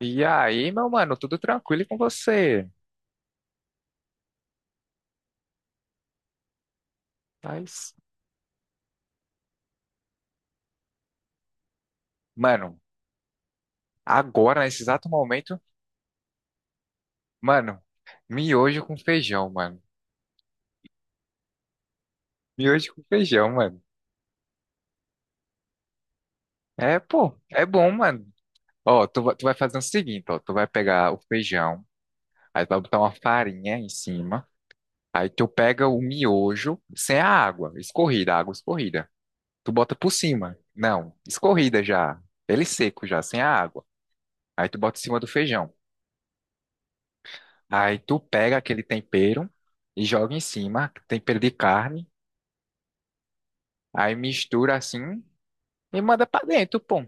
E aí, meu mano, tudo tranquilo e com você? Mas, mano, agora, nesse exato momento, mano, miojo com feijão, mano. Miojo com feijão, mano. É, pô, é bom, mano. Ó, tu, tu vai fazer o seguinte, ó, tu vai pegar o feijão, aí tu vai botar uma farinha em cima, aí tu pega o miojo sem a água, escorrida, a água escorrida. Tu bota por cima. Não, escorrida já. Ele seco já, sem a água. Aí tu bota em cima do feijão. Aí tu pega aquele tempero e joga em cima, tempero de carne, aí mistura assim e manda pra dentro, pô.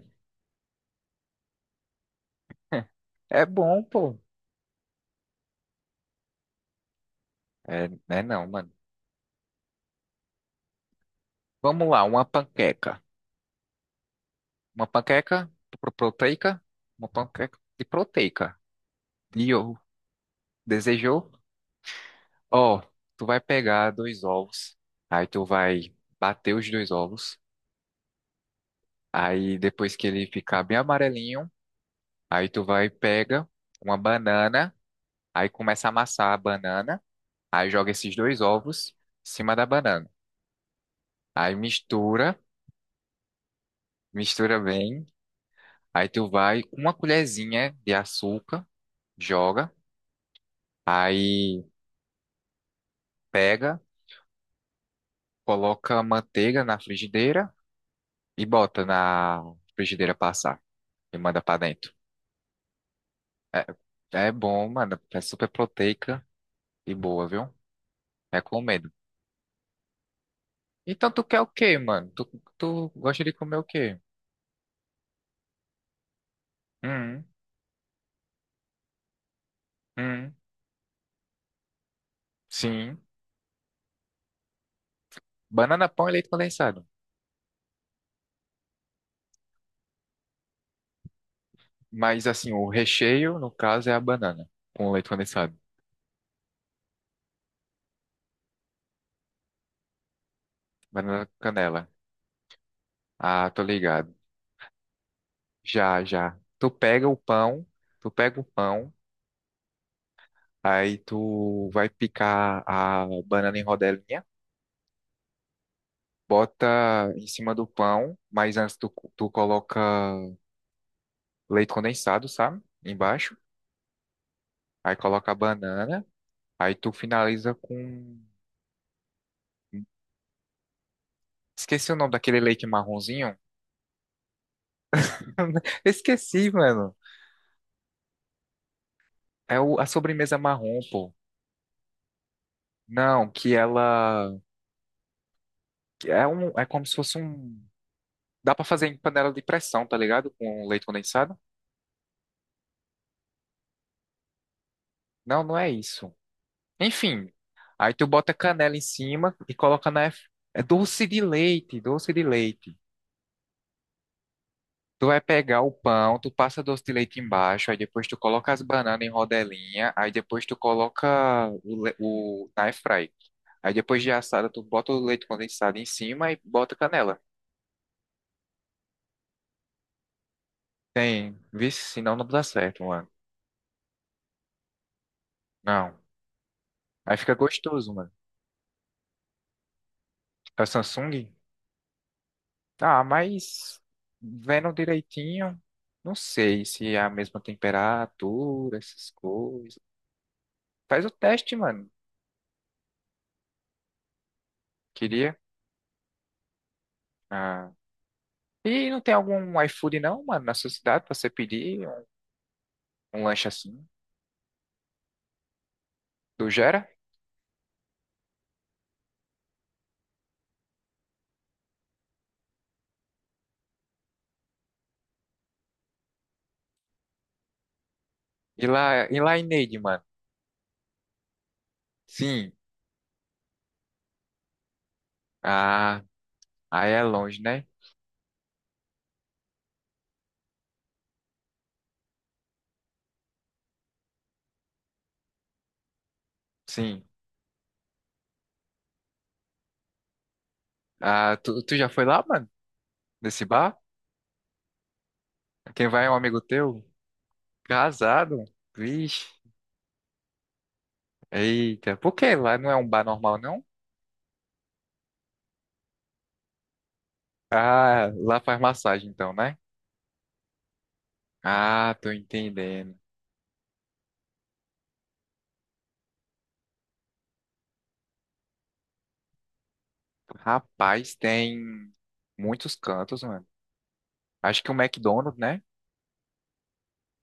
É bom, pô. É, né, não, mano. Vamos lá, uma panqueca. Uma panqueca proteica, uma panqueca de proteica. De ovo. Desejou? Ó, tu vai pegar dois ovos, aí tu vai bater os dois ovos, aí depois que ele ficar bem amarelinho, aí tu vai pega uma banana, aí começa a amassar a banana. Aí joga esses dois ovos em cima da banana. Aí mistura, mistura bem. Aí tu vai com uma colherzinha de açúcar, joga. Aí pega, coloca a manteiga na frigideira e bota na frigideira passar e manda pra dentro. É, é bom, mano. É super proteica e boa, viu? Recomendo. Então tu quer o quê, mano? Tu, tu gosta de comer o quê? Hum, hum, sim. Banana pão e leite condensado. Mas assim, o recheio, no caso, é a banana, com leite condensado. Banana com canela. Ah, tô ligado. Já, já. Tu pega o pão, tu pega o pão, aí tu vai picar a banana em rodelinha, bota em cima do pão, mas antes tu coloca leite condensado, sabe? Embaixo. Aí coloca a banana, aí tu finaliza com um. Esqueci o nome daquele leite marronzinho. Esqueci, mano. É a sobremesa marrom, pô. Não, que ela que é um, é como se fosse um, dá pra fazer em panela de pressão, tá ligado? Com leite condensado? Não, não é isso. Enfim, aí tu bota canela em cima e coloca na é doce de leite, doce de leite. Tu vai pegar o pão, tu passa doce de leite embaixo, aí depois tu coloca as bananas em rodelinha, aí depois tu coloca o, o na air fry. Aí depois de assada tu bota o leite condensado em cima e bota canela. Tem, vixe, senão não dá certo, mano. Não. Aí fica gostoso, mano. A Samsung, ah, mas vendo direitinho, não sei se é a mesma temperatura, essas coisas. Faz o teste, mano. Queria. Ah. E não tem algum iFood não, mano, na sua cidade pra você pedir um, um lanche assim? Do Gera? E lá em Neide, mano? Sim. Ah, aí é longe, né? Sim. Ah, tu, tu já foi lá, mano? Nesse bar? Quem vai é um amigo teu? Casado? Vixe. Eita, por que lá não é um bar normal, não? Ah, lá faz massagem então, né? Ah, tô entendendo. Rapaz, tem muitos cantos, mano. Acho que o McDonald's, né?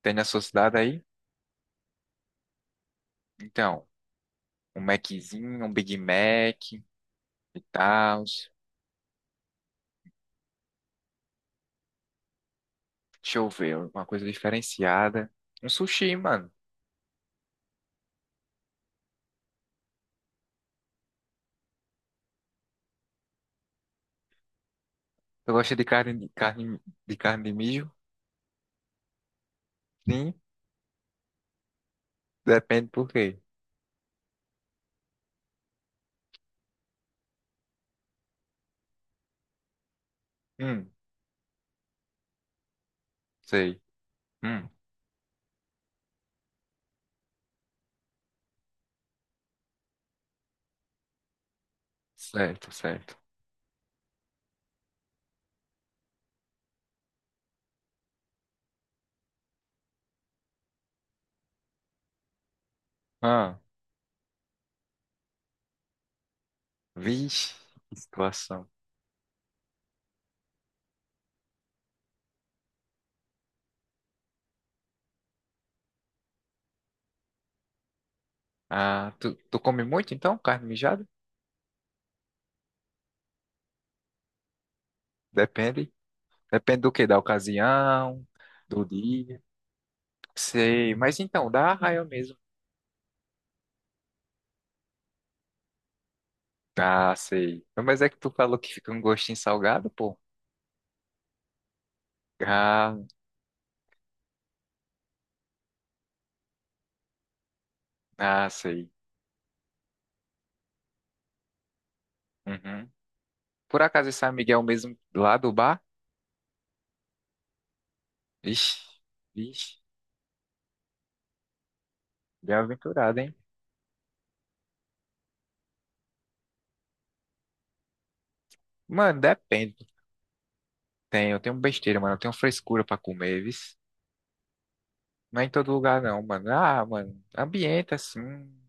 Tem na sua cidade aí? Então, um Maczinho, um Big Mac e tal. Deixa eu ver, uma coisa diferenciada. Um sushi, mano. Tu gosta de carne de carne de carne de mijo? Sim, depende por quê. Hum, sei. Hum, certo, certo. Vixe, que situação. Ah, tu, tu come muito então, carne mijada? Depende. Depende do que? Da ocasião, do dia. Sei, mas então, dá arraia mesmo. Ah, sei. Mas é que tu falou que fica um gostinho salgado, pô. Ah, ah, sei. Uhum. Por acaso esse amigo é o mesmo lá do bar? Vixe, vixe, bem-aventurado, hein? Mano, depende. Tem, eu tenho besteira, mano. Eu tenho frescura pra comer, viu? Não é em todo lugar, não, mano. Ah, mano, ambiente assim,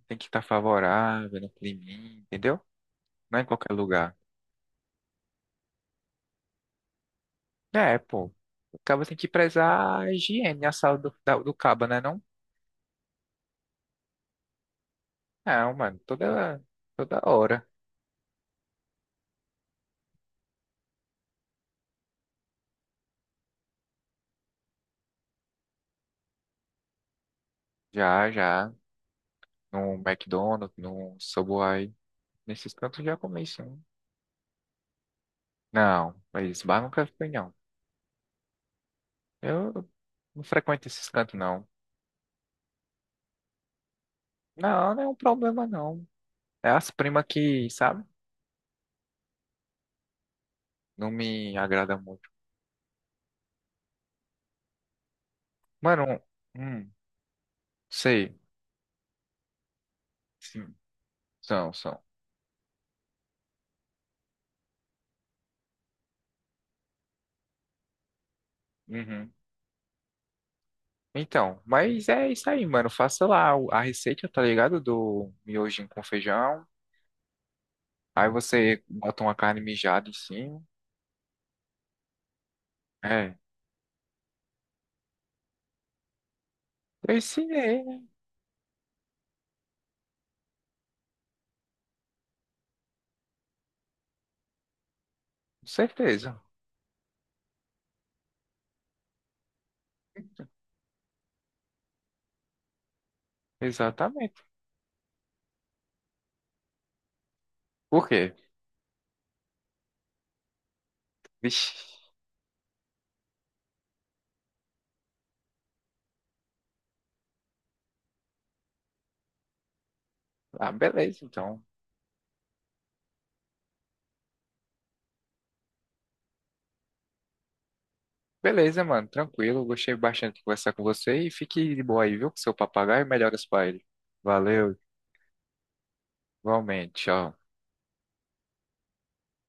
tem que estar favorável, no climinha, entendeu? Não é em qualquer lugar. É, pô. O cabo tem que prezar a higiene, a saúde do, do cabo, né? Não, não, mano, toda, toda hora. Já, já. No McDonald's, no Subway, nesses cantos já comi sim. Não, mas bar nunca fui, não. Eu não frequento esses cantos, não. Não, não é um problema, não. É as primas que, sabe? Não me agrada muito. Mano, hum, sei. Sim, são, são. Uhum. Então, mas é isso aí, mano. Faça lá a receita, tá ligado? Do miojinho com feijão. Aí você bota uma carne mijada em cima. É, eu ensinei, né? Com certeza. Exatamente. Por quê? Vixe. Ah, beleza, então. Beleza, mano. Tranquilo. Gostei bastante de conversar com você. E fique de boa aí, viu? Com seu papagaio. Melhoras pra ele. Valeu. Igualmente. Tchau.